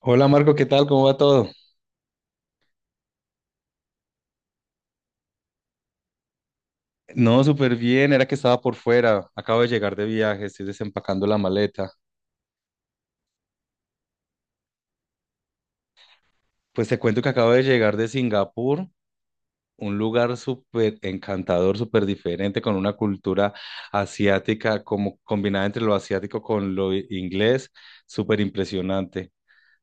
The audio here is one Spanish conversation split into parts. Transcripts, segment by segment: Hola Marco, ¿qué tal? ¿Cómo va todo? No, súper bien, era que estaba por fuera, acabo de llegar de viaje, estoy desempacando la maleta. Pues te cuento que acabo de llegar de Singapur, un lugar súper encantador, súper diferente, con una cultura asiática como combinada entre lo asiático con lo inglés, súper impresionante.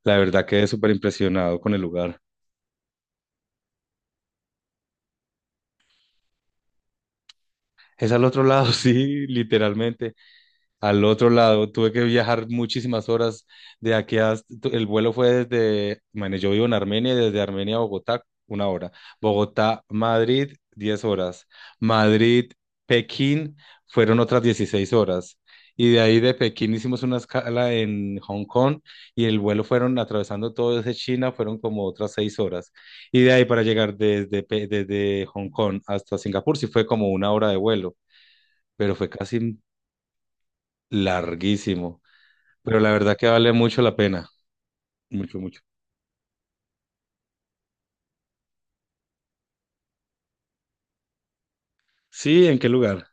La verdad quedé súper impresionado con el lugar. Es al otro lado, sí, literalmente. Al otro lado. Tuve que viajar muchísimas horas de aquí hasta, el vuelo fue desde, bueno, yo vivo en Armenia, y desde Armenia a Bogotá, una hora. Bogotá, Madrid, 10 horas. Madrid, Pekín, fueron otras 16 horas. Y de ahí de Pekín hicimos una escala en Hong Kong y el vuelo fueron atravesando todo desde China, fueron como otras 6 horas. Y de ahí para llegar desde, desde Hong Kong hasta Singapur, sí fue como una hora de vuelo, pero fue casi larguísimo. Pero la verdad que vale mucho la pena, mucho, mucho. Sí, ¿en qué lugar?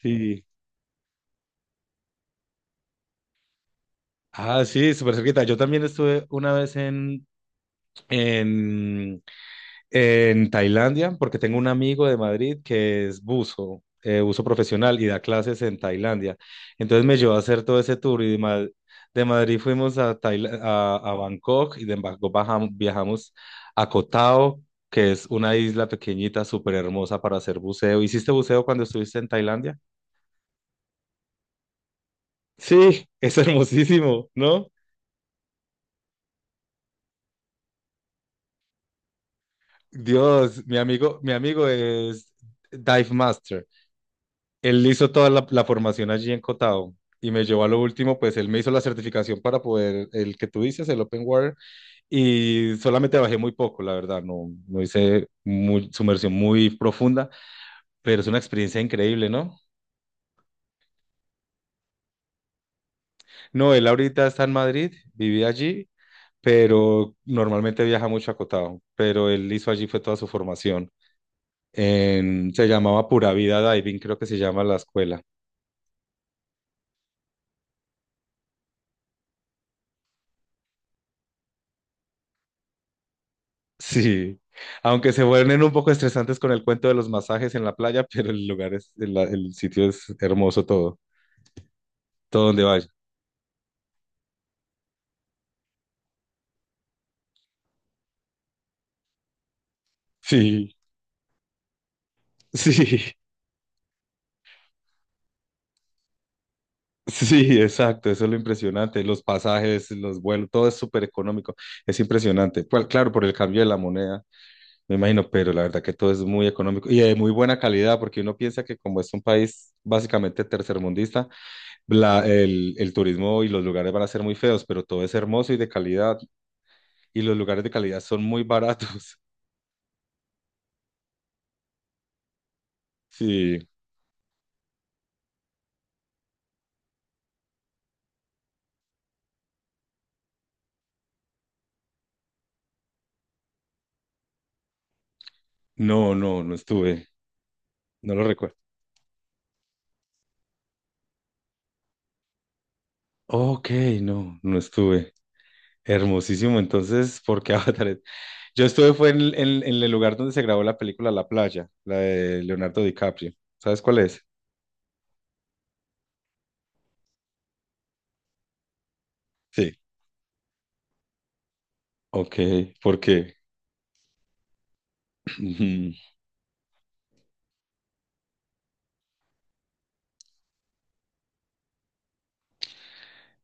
Sí. Ah, sí, súper cerquita. Yo también estuve una vez en, en Tailandia, porque tengo un amigo de Madrid que es buzo, buzo profesional y da clases en Tailandia. Entonces me llevó a hacer todo ese tour y de Madrid fuimos a Bangkok y de Bangkok viajamos a Koh Tao, que es una isla pequeñita, súper hermosa para hacer buceo. ¿Hiciste buceo cuando estuviste en Tailandia? Sí, es hermosísimo, ¿no? Dios, mi amigo es Dive Master. Él hizo toda la formación allí en Cotao y me llevó a lo último, pues él me hizo la certificación para poder, el que tú dices, el Open Water, y solamente bajé muy poco, la verdad, no hice muy, sumersión muy profunda, pero es una experiencia increíble, ¿no? No, él ahorita está en Madrid, vivía allí, pero normalmente viaja mucho a Cotao, pero él hizo allí fue toda su formación. Se llamaba Pura Vida Diving, creo que se llama la escuela. Sí, aunque se vuelven un poco estresantes con el cuento de los masajes en la playa, pero el sitio es hermoso todo, todo donde vaya. Sí, sí, sí, exacto, eso es lo impresionante, los pasajes, los vuelos, todo es súper económico, es impresionante. Pues, claro, por el cambio de la moneda, me imagino, pero la verdad que todo es muy económico y de muy buena calidad, porque uno piensa que como es un país básicamente tercermundista, el turismo y los lugares van a ser muy feos, pero todo es hermoso y de calidad. Y los lugares de calidad son muy baratos. Sí, no, no, no estuve. No lo recuerdo. Ok, no, no estuve. Hermosísimo. Entonces, porque qué Avatar? Yo estuve fue en el lugar donde se grabó la película La Playa, la de Leonardo DiCaprio. ¿Sabes cuál es? Sí. Ok, ¿por qué?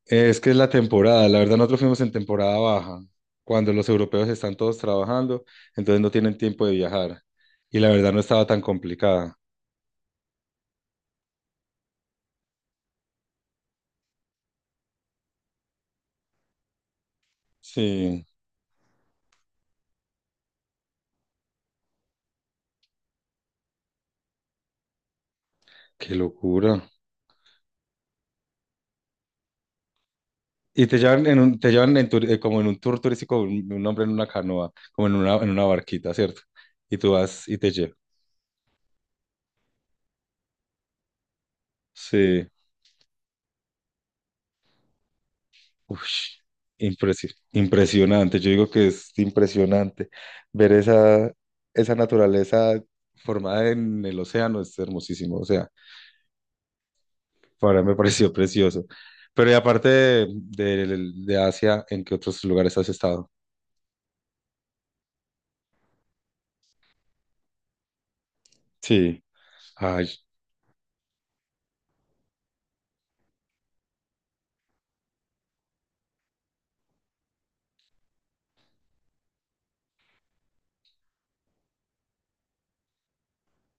Es que es la temporada, la verdad nosotros fuimos en temporada baja, cuando los europeos están todos trabajando, entonces no tienen tiempo de viajar. Y la verdad no estaba tan complicada. Sí, qué locura. Y te llevan en un, te llevan como en un tour turístico, un hombre en una canoa, como en una barquita, ¿cierto? Y tú vas y te llevas. Sí, ush, impresionante. Yo digo que es impresionante ver esa naturaleza formada en el océano, es hermosísimo. O sea, para me pareció precioso. Pero y aparte de Asia, ¿en qué otros lugares has estado? Sí. Ay,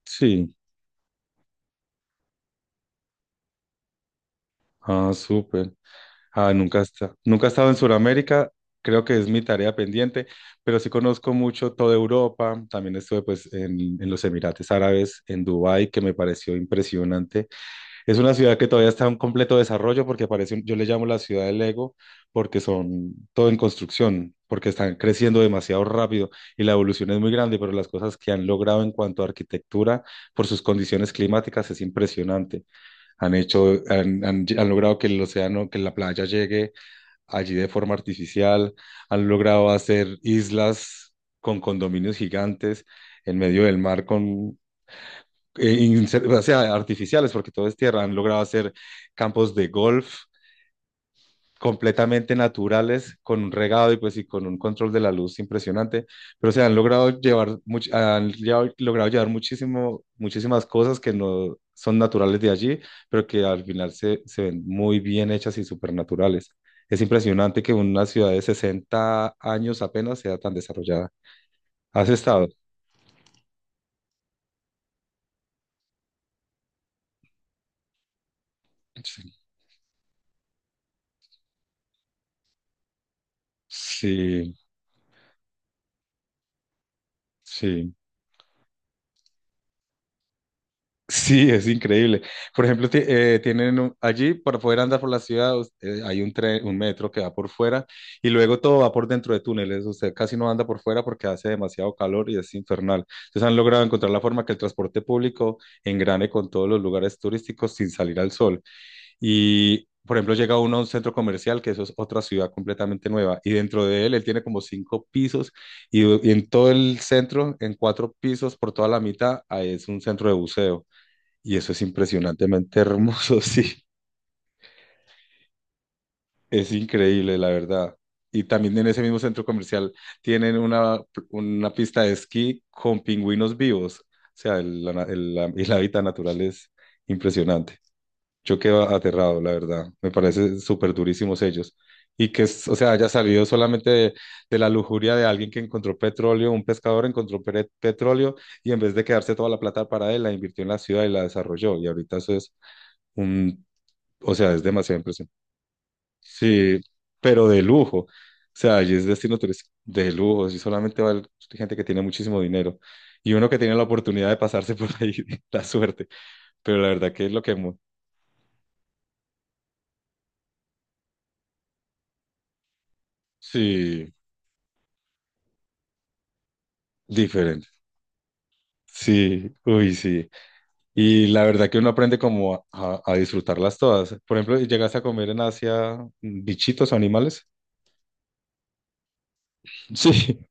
sí. Ah, súper. Ah, nunca he estado en Sudamérica. Creo que es mi tarea pendiente, pero sí conozco mucho toda Europa. También estuve pues en los Emiratos Árabes, en Dubái, que me pareció impresionante. Es una ciudad que todavía está en completo desarrollo porque parece, yo le llamo la ciudad del Lego porque son todo en construcción, porque están creciendo demasiado rápido y la evolución es muy grande, pero las cosas que han logrado en cuanto a arquitectura por sus condiciones climáticas es impresionante. Han hecho, han, han lle- han logrado que el océano, que la playa llegue allí de forma artificial, han logrado hacer islas con condominios gigantes en medio del mar, o sea, artificiales, porque todo es tierra, han logrado hacer campos de golf completamente naturales, con un regado y pues y con un control de la luz impresionante, pero se han logrado llevar, much- han llevado- logrado llevar muchísimo, muchísimas cosas que no son naturales de allí, pero que al final se ven muy bien hechas y supernaturales. Es impresionante que una ciudad de 60 años apenas sea tan desarrollada. ¿Has estado? Sí, sí. Sí. Sí, es increíble. Por ejemplo, tienen allí para poder andar por la ciudad, hay un tren, un metro que va por fuera y luego todo va por dentro de túneles. Usted casi no anda por fuera porque hace demasiado calor y es infernal. Entonces han logrado encontrar la forma que el transporte público engrane con todos los lugares turísticos sin salir al sol. Y, por ejemplo, llega uno a un centro comercial, que eso es otra ciudad completamente nueva, y dentro de él, él tiene como cinco pisos y en todo el centro, en cuatro pisos, por toda la mitad, es un centro de buceo. Y eso es impresionantemente hermoso, sí, es increíble, la verdad. Y también en ese mismo centro comercial tienen una pista de esquí con pingüinos vivos. O sea, el hábitat natural es impresionante. Yo quedo aterrado, la verdad. Me parece súper durísimos ellos. Y que, o sea, haya salido solamente de la lujuria de alguien que encontró petróleo, un pescador encontró petróleo y en vez de quedarse toda la plata para él, la invirtió en la ciudad y la desarrolló. Y ahorita eso es un. O sea, es demasiado impresionante. Sí, pero de lujo. O sea, allí es destino turístico de lujo. Allí solamente va gente que tiene muchísimo dinero. Y uno que tiene la oportunidad de pasarse por ahí, la suerte. Pero la verdad que es lo que. Sí, diferente. Sí, uy, sí. Y la verdad que uno aprende como a disfrutarlas todas. Por ejemplo, llegas a comer en Asia, bichitos o animales. Sí,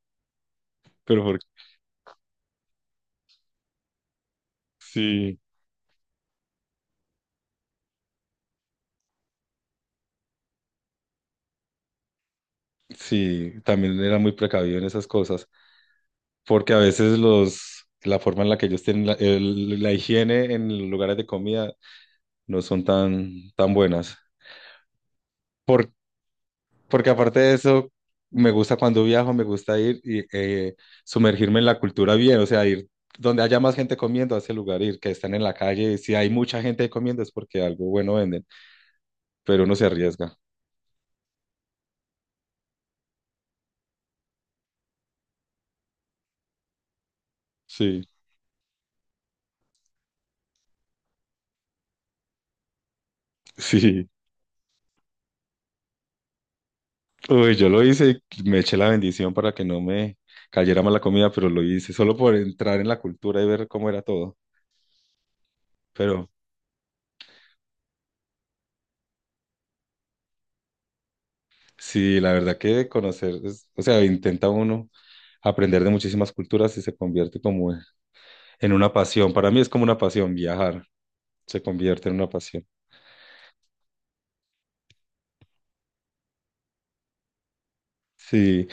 pero porque. Sí, sí, también era muy precavido en esas cosas. Porque a veces la forma en la que ellos tienen la higiene en los lugares de comida no son tan buenas. Por, Porque aparte de eso, me gusta cuando viajo, me gusta ir y sumergirme en la cultura bien, o sea, ir donde haya más gente comiendo a ese lugar, ir que están en la calle, y si hay mucha gente comiendo es porque algo bueno venden, pero uno se arriesga. Sí, sí. Uy, yo lo hice, y me eché la bendición para que no me cayera mal la comida, pero lo hice solo por entrar en la cultura y ver cómo era todo. Pero sí, la verdad que conocer, o sea, intenta uno aprender de muchísimas culturas y se convierte como en una pasión. Para mí es como una pasión viajar, se convierte en una pasión. Sí.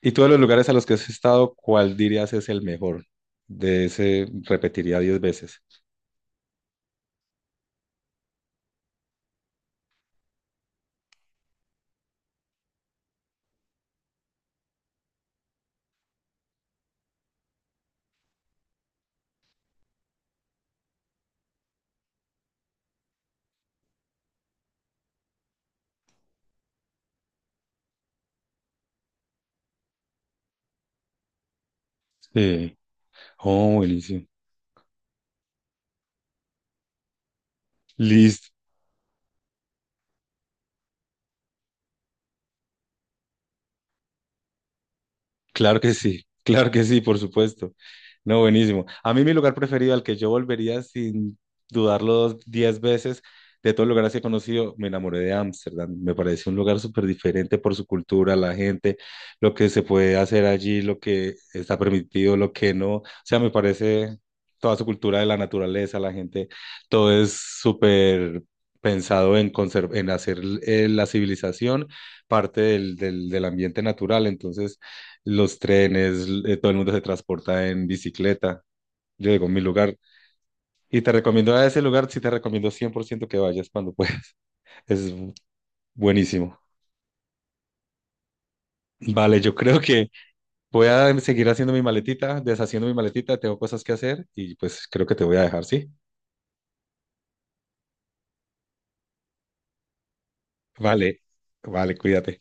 Y todos los lugares a los que has estado, ¿cuál dirías es el mejor? De ese repetiría 10 veces. Sí. Oh, buenísimo. Listo. Claro que sí, claro que sí, por supuesto. No, buenísimo. A mí mi lugar preferido al que yo volvería sin dudarlo 10 veces de todos los lugares que he conocido, me enamoré de Ámsterdam. Me parece un lugar súper diferente por su cultura, la gente, lo que se puede hacer allí, lo que está permitido, lo que no. O sea, me parece toda su cultura de la naturaleza, la gente, todo es súper pensado en hacer, la civilización parte del ambiente natural. Entonces los trenes, todo el mundo se transporta en bicicleta. Yo digo, mi lugar, y te recomiendo a ese lugar, sí te recomiendo 100% que vayas cuando puedas. Es buenísimo. Vale, yo creo que voy a seguir haciendo mi maletita, deshaciendo mi maletita, tengo cosas que hacer y pues creo que te voy a dejar, ¿sí? Vale, vale, cuídate.